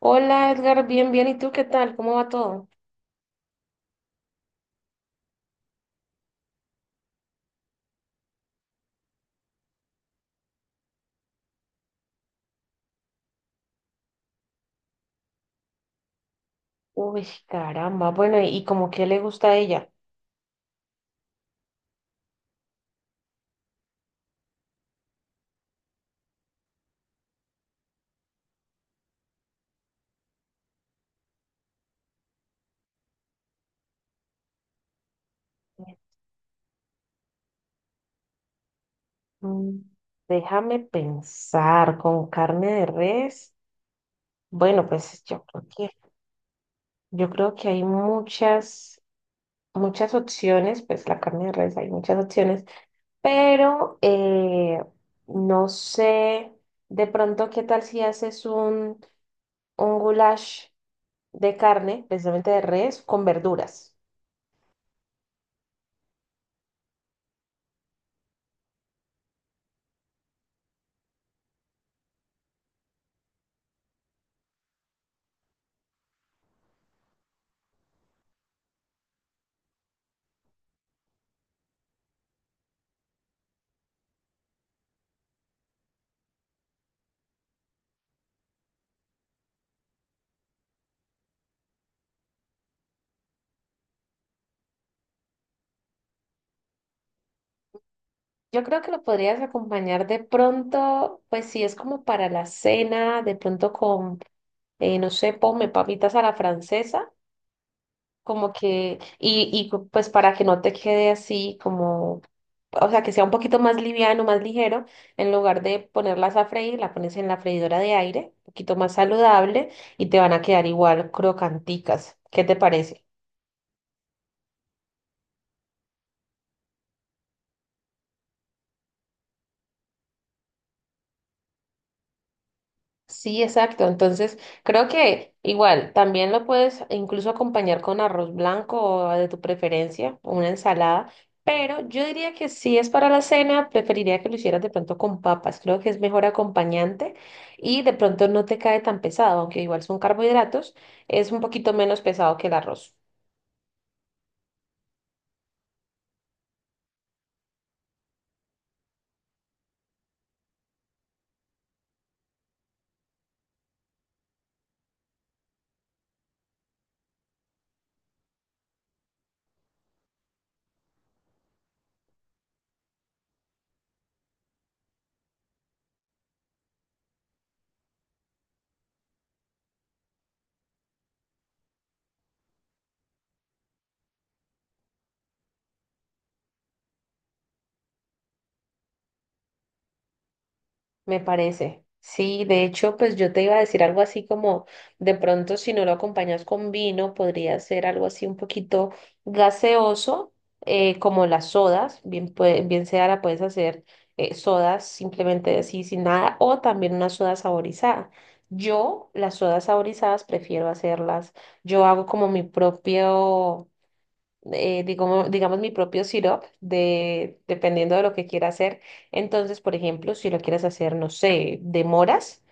Hola Edgar, bien, bien. ¿Y tú qué tal? ¿Cómo va todo? Uy, caramba. Bueno, ¿y como qué le gusta a ella? Mm, Déjame pensar, con carne de res. Bueno, pues yo creo que hay muchas, muchas opciones, pues la carne de res hay muchas opciones, pero no sé, de pronto, ¿qué tal si haces un goulash de carne, precisamente de res, con verduras? Yo creo que lo podrías acompañar de pronto, pues si es como para la cena, no sé, ponme papitas a la francesa, como que, pues para que no te quede así como, o sea, que sea un poquito más liviano, más ligero, en lugar de ponerlas a freír, la pones en la freidora de aire, un poquito más saludable, y te van a quedar igual crocanticas. ¿Qué te parece? Sí, exacto. Entonces, creo que igual también lo puedes incluso acompañar con arroz blanco o de tu preferencia, o una ensalada. Pero yo diría que si es para la cena, preferiría que lo hicieras de pronto con papas. Creo que es mejor acompañante y de pronto no te cae tan pesado, aunque igual son carbohidratos, es un poquito menos pesado que el arroz. Me parece. Sí, de hecho, pues yo te iba a decir algo así como, de pronto si no lo acompañas con vino, podría ser algo así un poquito gaseoso, como las sodas, bien, bien sea la puedes hacer sodas simplemente así sin nada, o también una soda saborizada. Yo las sodas saborizadas prefiero hacerlas, yo hago como mi propio digamos, mi propio syrup, de, dependiendo de lo que quiera hacer. Entonces, por ejemplo, si lo quieres hacer, no sé, de moras,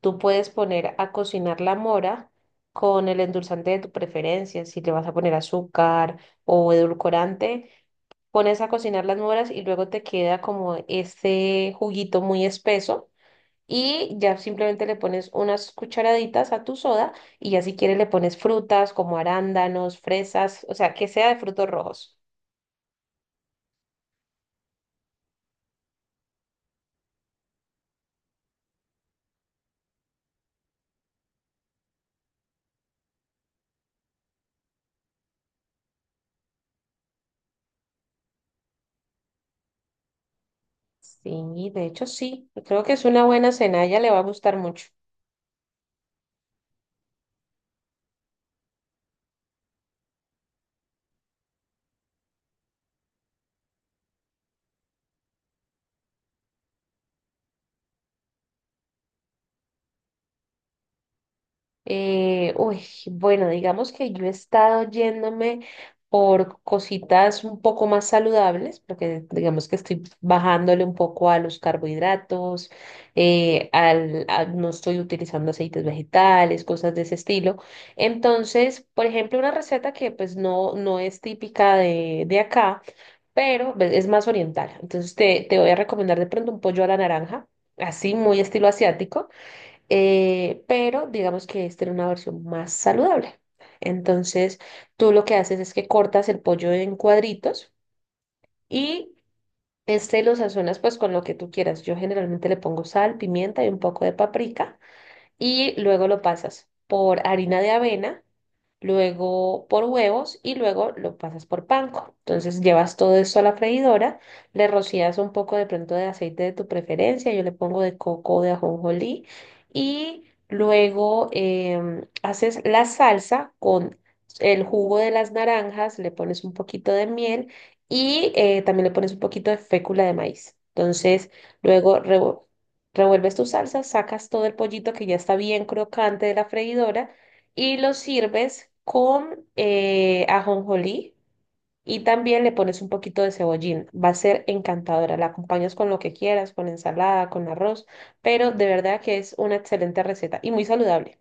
tú puedes poner a cocinar la mora con el endulzante de tu preferencia, si le vas a poner azúcar o edulcorante, pones a cocinar las moras y luego te queda como ese juguito muy espeso. Y ya simplemente le pones unas cucharaditas a tu soda y ya si quieres le pones frutas como arándanos, fresas, o sea, que sea de frutos rojos. Sí, de hecho sí, creo que es una buena cena, a ella le va a gustar mucho. Uy, bueno, digamos que yo he estado yéndome por cositas un poco más saludables, porque digamos que estoy bajándole un poco a los carbohidratos, no estoy utilizando aceites vegetales, cosas de ese estilo. Entonces, por ejemplo, una receta que no es típica de acá, pero pues, es más oriental. Entonces, te voy a recomendar de pronto un pollo a la naranja, así muy estilo asiático pero digamos que esta era una versión más saludable. Entonces, tú lo que haces es que cortas el pollo en cuadritos y este lo sazonas pues con lo que tú quieras. Yo generalmente le pongo sal, pimienta y un poco de paprika y luego lo pasas por harina de avena luego por huevos y luego lo pasas por panko. Entonces llevas todo esto a la freidora, le rocías un poco de pronto de aceite de tu preferencia, yo le pongo de coco o de ajonjolí y luego haces la salsa con el jugo de las naranjas, le pones un poquito de miel y también le pones un poquito de fécula de maíz. Entonces luego revuelves tu salsa, sacas todo el pollito que ya está bien crocante de la freidora y lo sirves con ajonjolí y también le pones un poquito de cebollín. Va a ser encantadora. La acompañas con lo que quieras, con ensalada, con arroz, pero de verdad que es una excelente receta y muy saludable.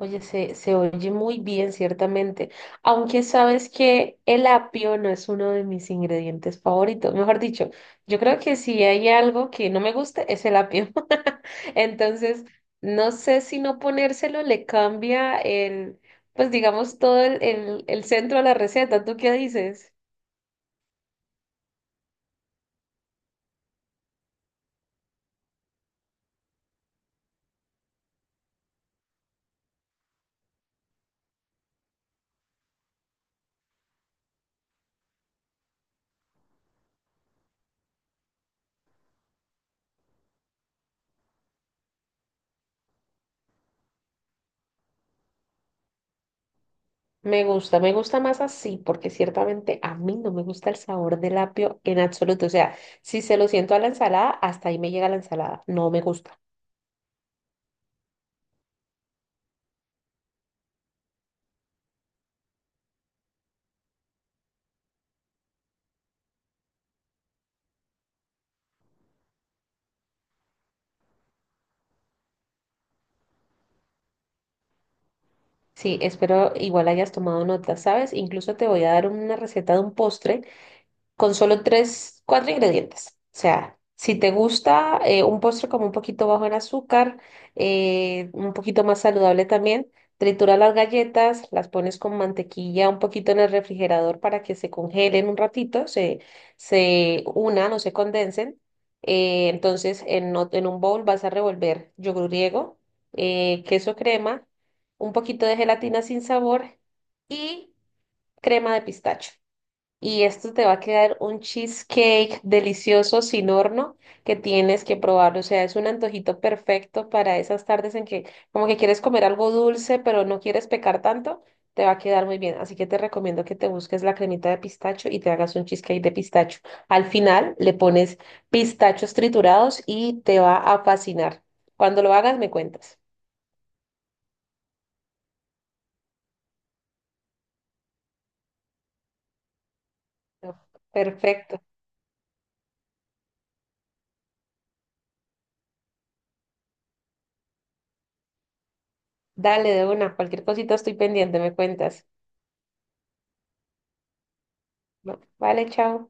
Oye, se oye muy bien, ciertamente. Aunque sabes que el apio no es uno de mis ingredientes favoritos. Mejor dicho, yo creo que si hay algo que no me guste es el apio. Entonces, no sé si no ponérselo le cambia el, pues digamos, todo el centro de la receta. ¿Tú qué dices? Me gusta más así, porque ciertamente a mí no me gusta el sabor del apio en absoluto. O sea, si se lo siento a la ensalada, hasta ahí me llega la ensalada. No me gusta. Sí, espero igual hayas tomado nota, ¿sabes? Incluso te voy a dar una receta de un postre con solo tres, cuatro ingredientes. O sea, si te gusta un postre como un poquito bajo en azúcar, un poquito más saludable también, tritura las galletas, las pones con mantequilla un poquito en el refrigerador para que se congelen un ratito, se unan o se condensen. Entonces, en un bowl vas a revolver yogur griego, queso crema, un poquito de gelatina sin sabor y crema de pistacho. Y esto te va a quedar un cheesecake delicioso sin horno que tienes que probarlo. O sea, es un antojito perfecto para esas tardes en que como que quieres comer algo dulce, pero no quieres pecar tanto. Te va a quedar muy bien. Así que te recomiendo que te busques la cremita de pistacho y te hagas un cheesecake de pistacho. Al final le pones pistachos triturados y te va a fascinar. Cuando lo hagas, me cuentas. Perfecto. Dale de una. Cualquier cosita estoy pendiente, me cuentas. Vale, chao.